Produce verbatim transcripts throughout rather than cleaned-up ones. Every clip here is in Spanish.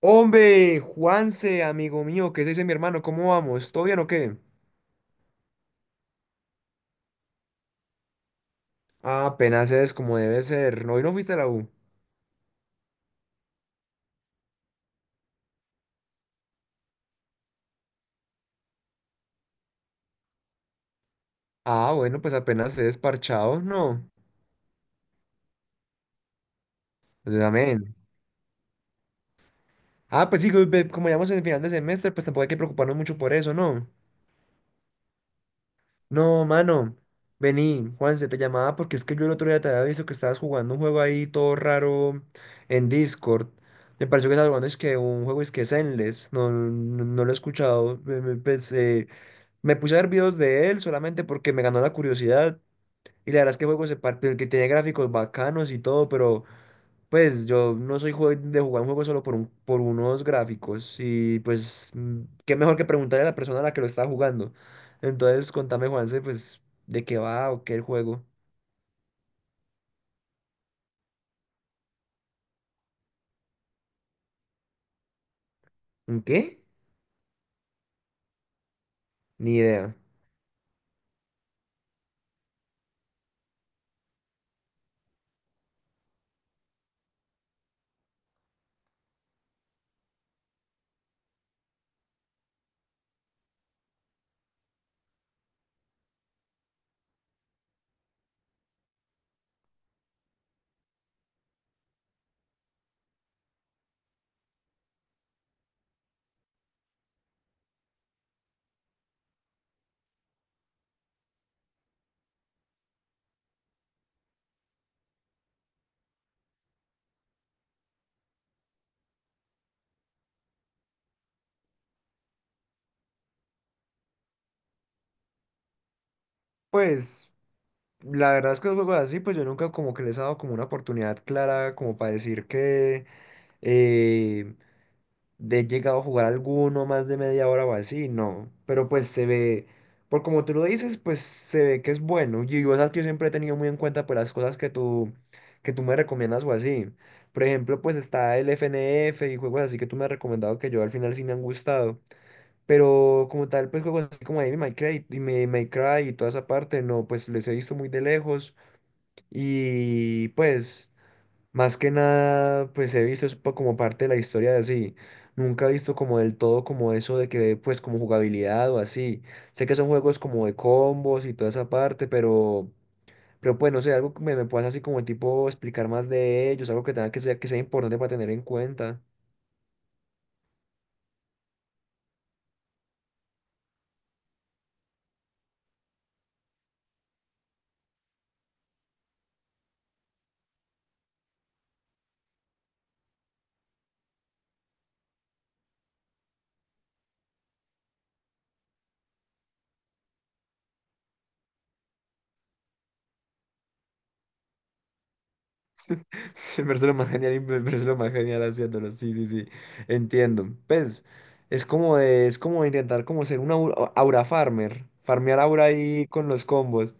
Hombre, Juanse, amigo mío, ¿qué se dice mi hermano? ¿Cómo vamos? ¿Todo bien o qué? Ah, apenas es como debe ser. No, hoy no fuiste a la U. Ah, bueno, pues apenas es parchado, no. Pues, amén. Ah, pues sí, pues, ve- como ya vamos en el final de semestre, pues tampoco hay que preocuparnos mucho por eso, ¿no? No, mano. Vení, Juanse, te llamaba porque es que yo el otro día te había visto que estabas jugando un juego ahí todo raro en Discord. Me pareció que estabas jugando es que un juego es que Zenless. No, no, no lo he escuchado. Me- me- Pues, eh, me puse a ver videos de él solamente porque me ganó la curiosidad. Y la verdad es que el juego se parte, que tiene gráficos bacanos y todo, pero pues yo no soy jue- de jugar un juego solo por, un, por unos gráficos. Y pues, mm, qué mejor que preguntarle a la persona a la que lo está jugando. Entonces, contame, Juanse, pues, de qué va o qué el juego. ¿Un qué? Ni idea. Pues, la verdad es que los juegos así, pues yo nunca como que les he dado como una oportunidad clara como para decir que eh, de llegado a jugar alguno más de media hora o así, no. Pero pues se ve, por como tú lo dices, pues se ve que es bueno. Y yo, esas que yo siempre he tenido muy en cuenta por las cosas que tú, que tú me recomiendas o así. Por ejemplo, pues está el F N F y juegos así que tú me has recomendado que yo al final sí me han gustado. Pero como tal, pues juegos así como Devil May Cry y Me- May Cry y toda esa parte, no, pues les he visto muy de lejos. Y pues. Más que nada, pues he visto eso pa- como parte de la historia de así. Nunca he visto como del todo como eso de que, pues como jugabilidad o así. Sé que son juegos como de combos y toda esa parte, pero, pero pues no sé, algo que me, me puedas así como tipo explicar más de ellos, algo que tenga que ser, que sea importante para tener en cuenta. Sí, me parece lo más genial, y me parece lo más genial haciéndolo. Sí, sí, sí, entiendo. Pues es como de- es como intentar como ser un aura, aura farmer, farmear aura ahí con los combos.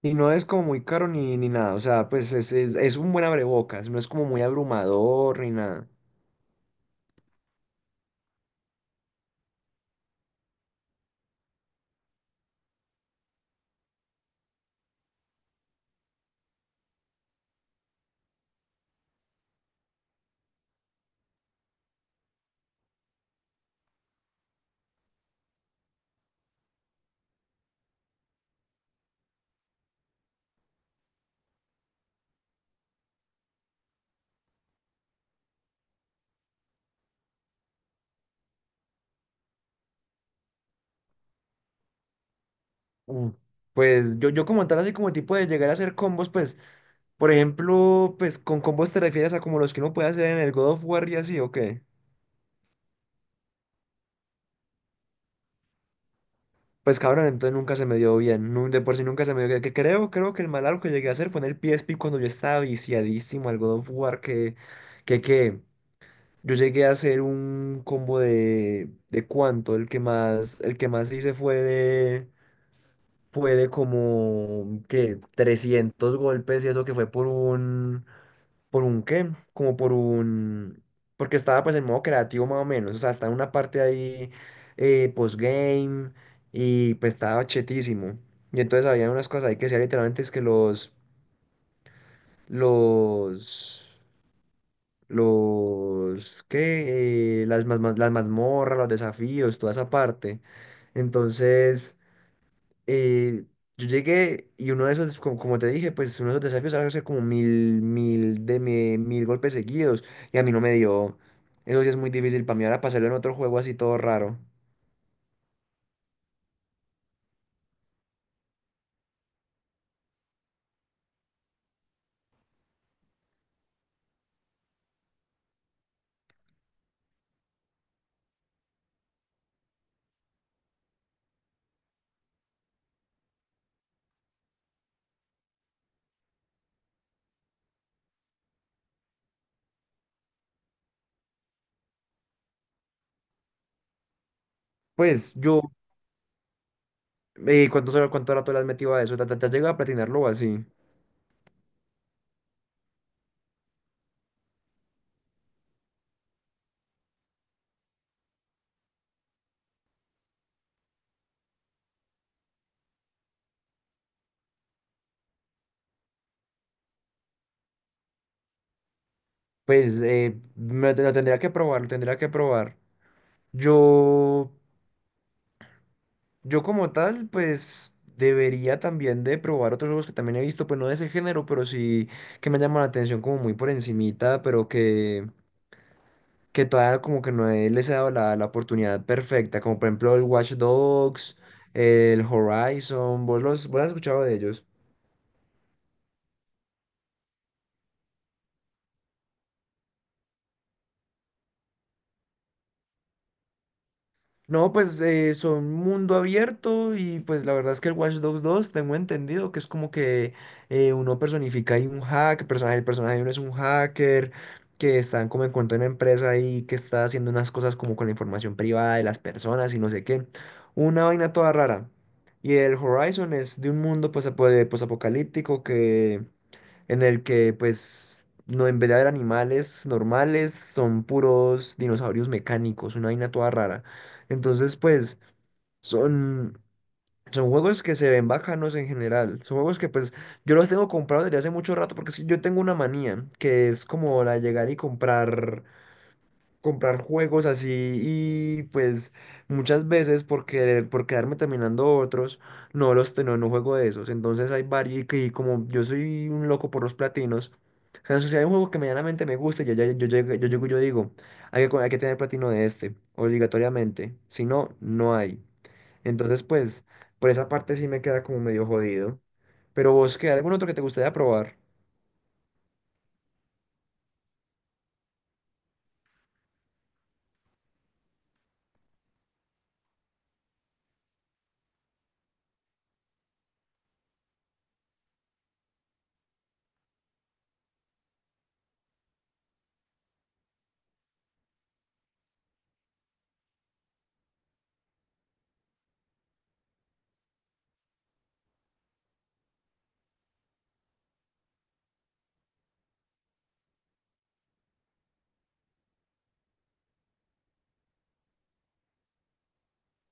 Y no es como muy caro ni, ni nada, o sea, pues es, es, es un buen abrebocas, no es como muy abrumador ni nada. Mm. Pues yo, yo como tal, así como tipo de llegar a hacer combos, pues, por ejemplo, pues con combos te refieres a como los que uno puede hacer en el God of War y así, ¿o qué? Pues cabrón, entonces nunca se me dio bien, nun- de por sí nunca se me dio bien, que creo, creo que el mal algo que llegué a hacer fue en el P S P cuando yo estaba viciadísimo al God of War, que, que, que, yo llegué a hacer un combo de, ¿de cuánto? El que más, el que más hice fue de... fue de como que trescientos golpes y eso que fue por un, ¿por un qué? Como por un, porque estaba pues en modo creativo más o menos, o sea, estaba en una parte ahí eh, postgame y pues estaba chetísimo. Y entonces había unas cosas ahí que decía literalmente es que los, los, los, ¿qué? Eh, las, mazma- las mazmorras, los desafíos, toda esa parte. Entonces... eh, yo llegué y uno de esos, como, como te dije, pues uno de esos desafíos era hacer como mil, mil, de mi- mil golpes seguidos y a mí no me dio. Eso sí es muy difícil para mí ahora pasarlo en otro juego así todo raro. Pues yo, eh, ¿cuánto, sor- cuánto rato le has metido a eso? ¿Te, te- te has llegado a platinarlo o así? Pues eh, me- lo tendría que probar, lo tendría que probar. Yo Yo como tal, pues debería también de probar otros juegos que también he visto, pues no de ese género, pero sí que me llaman la atención como muy por encimita, pero que, que todavía como que no he- les he dado la, la oportunidad perfecta, como por ejemplo el Watch Dogs, el Horizon, ¿vos los, vos has escuchado de ellos? No, pues eh, son mundo abierto y pues la verdad es que el Watch Dogs dos tengo entendido que es como que eh, uno personifica ahí un hack, personaje, el personaje de uno es un hacker que está como en cuenta de una empresa y que está haciendo unas cosas como con la información privada de las personas y no sé qué. Una vaina toda rara. Y el Horizon es de un mundo pues, apo- eh, posapocalíptico que en el que pues no, en vez de haber animales normales, son puros dinosaurios mecánicos, una vaina toda rara. Entonces pues son son juegos que se ven bacanos en general, son juegos que pues yo los tengo comprados desde hace mucho rato porque es que yo tengo una manía que es como la de llegar y comprar comprar juegos así y pues muchas veces por querer, por quedarme terminando otros, no los te- no, no juego de esos. Entonces hay varios y, que y como yo soy un loco por los platinos, o sea, si hay un juego que medianamente me gusta, yo, ya- yo, llego- yo, llego y yo digo, hay que, co- hay que tener platino de este, obligatoriamente. Si no, no hay. Entonces, pues, por esa parte sí me queda como medio jodido. Pero vos, ¿qué? ¿Algún otro que te gustaría probar?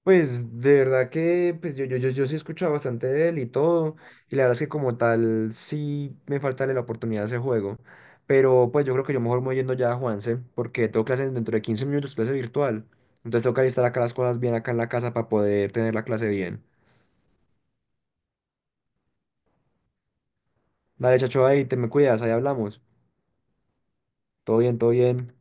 Pues de verdad que pues yo, yo, yo, yo sí he escuchado bastante de él y todo, y la verdad es que como tal sí me falta la oportunidad de ese juego, pero pues yo creo que yo mejor me voy yendo ya a Juanse, porque tengo clases dentro de quince minutos, clase virtual, entonces tengo que alistar acá las cosas bien acá en la casa para poder tener la clase bien. Dale, chacho, ahí te me cuidas, ahí hablamos. Todo bien, todo bien.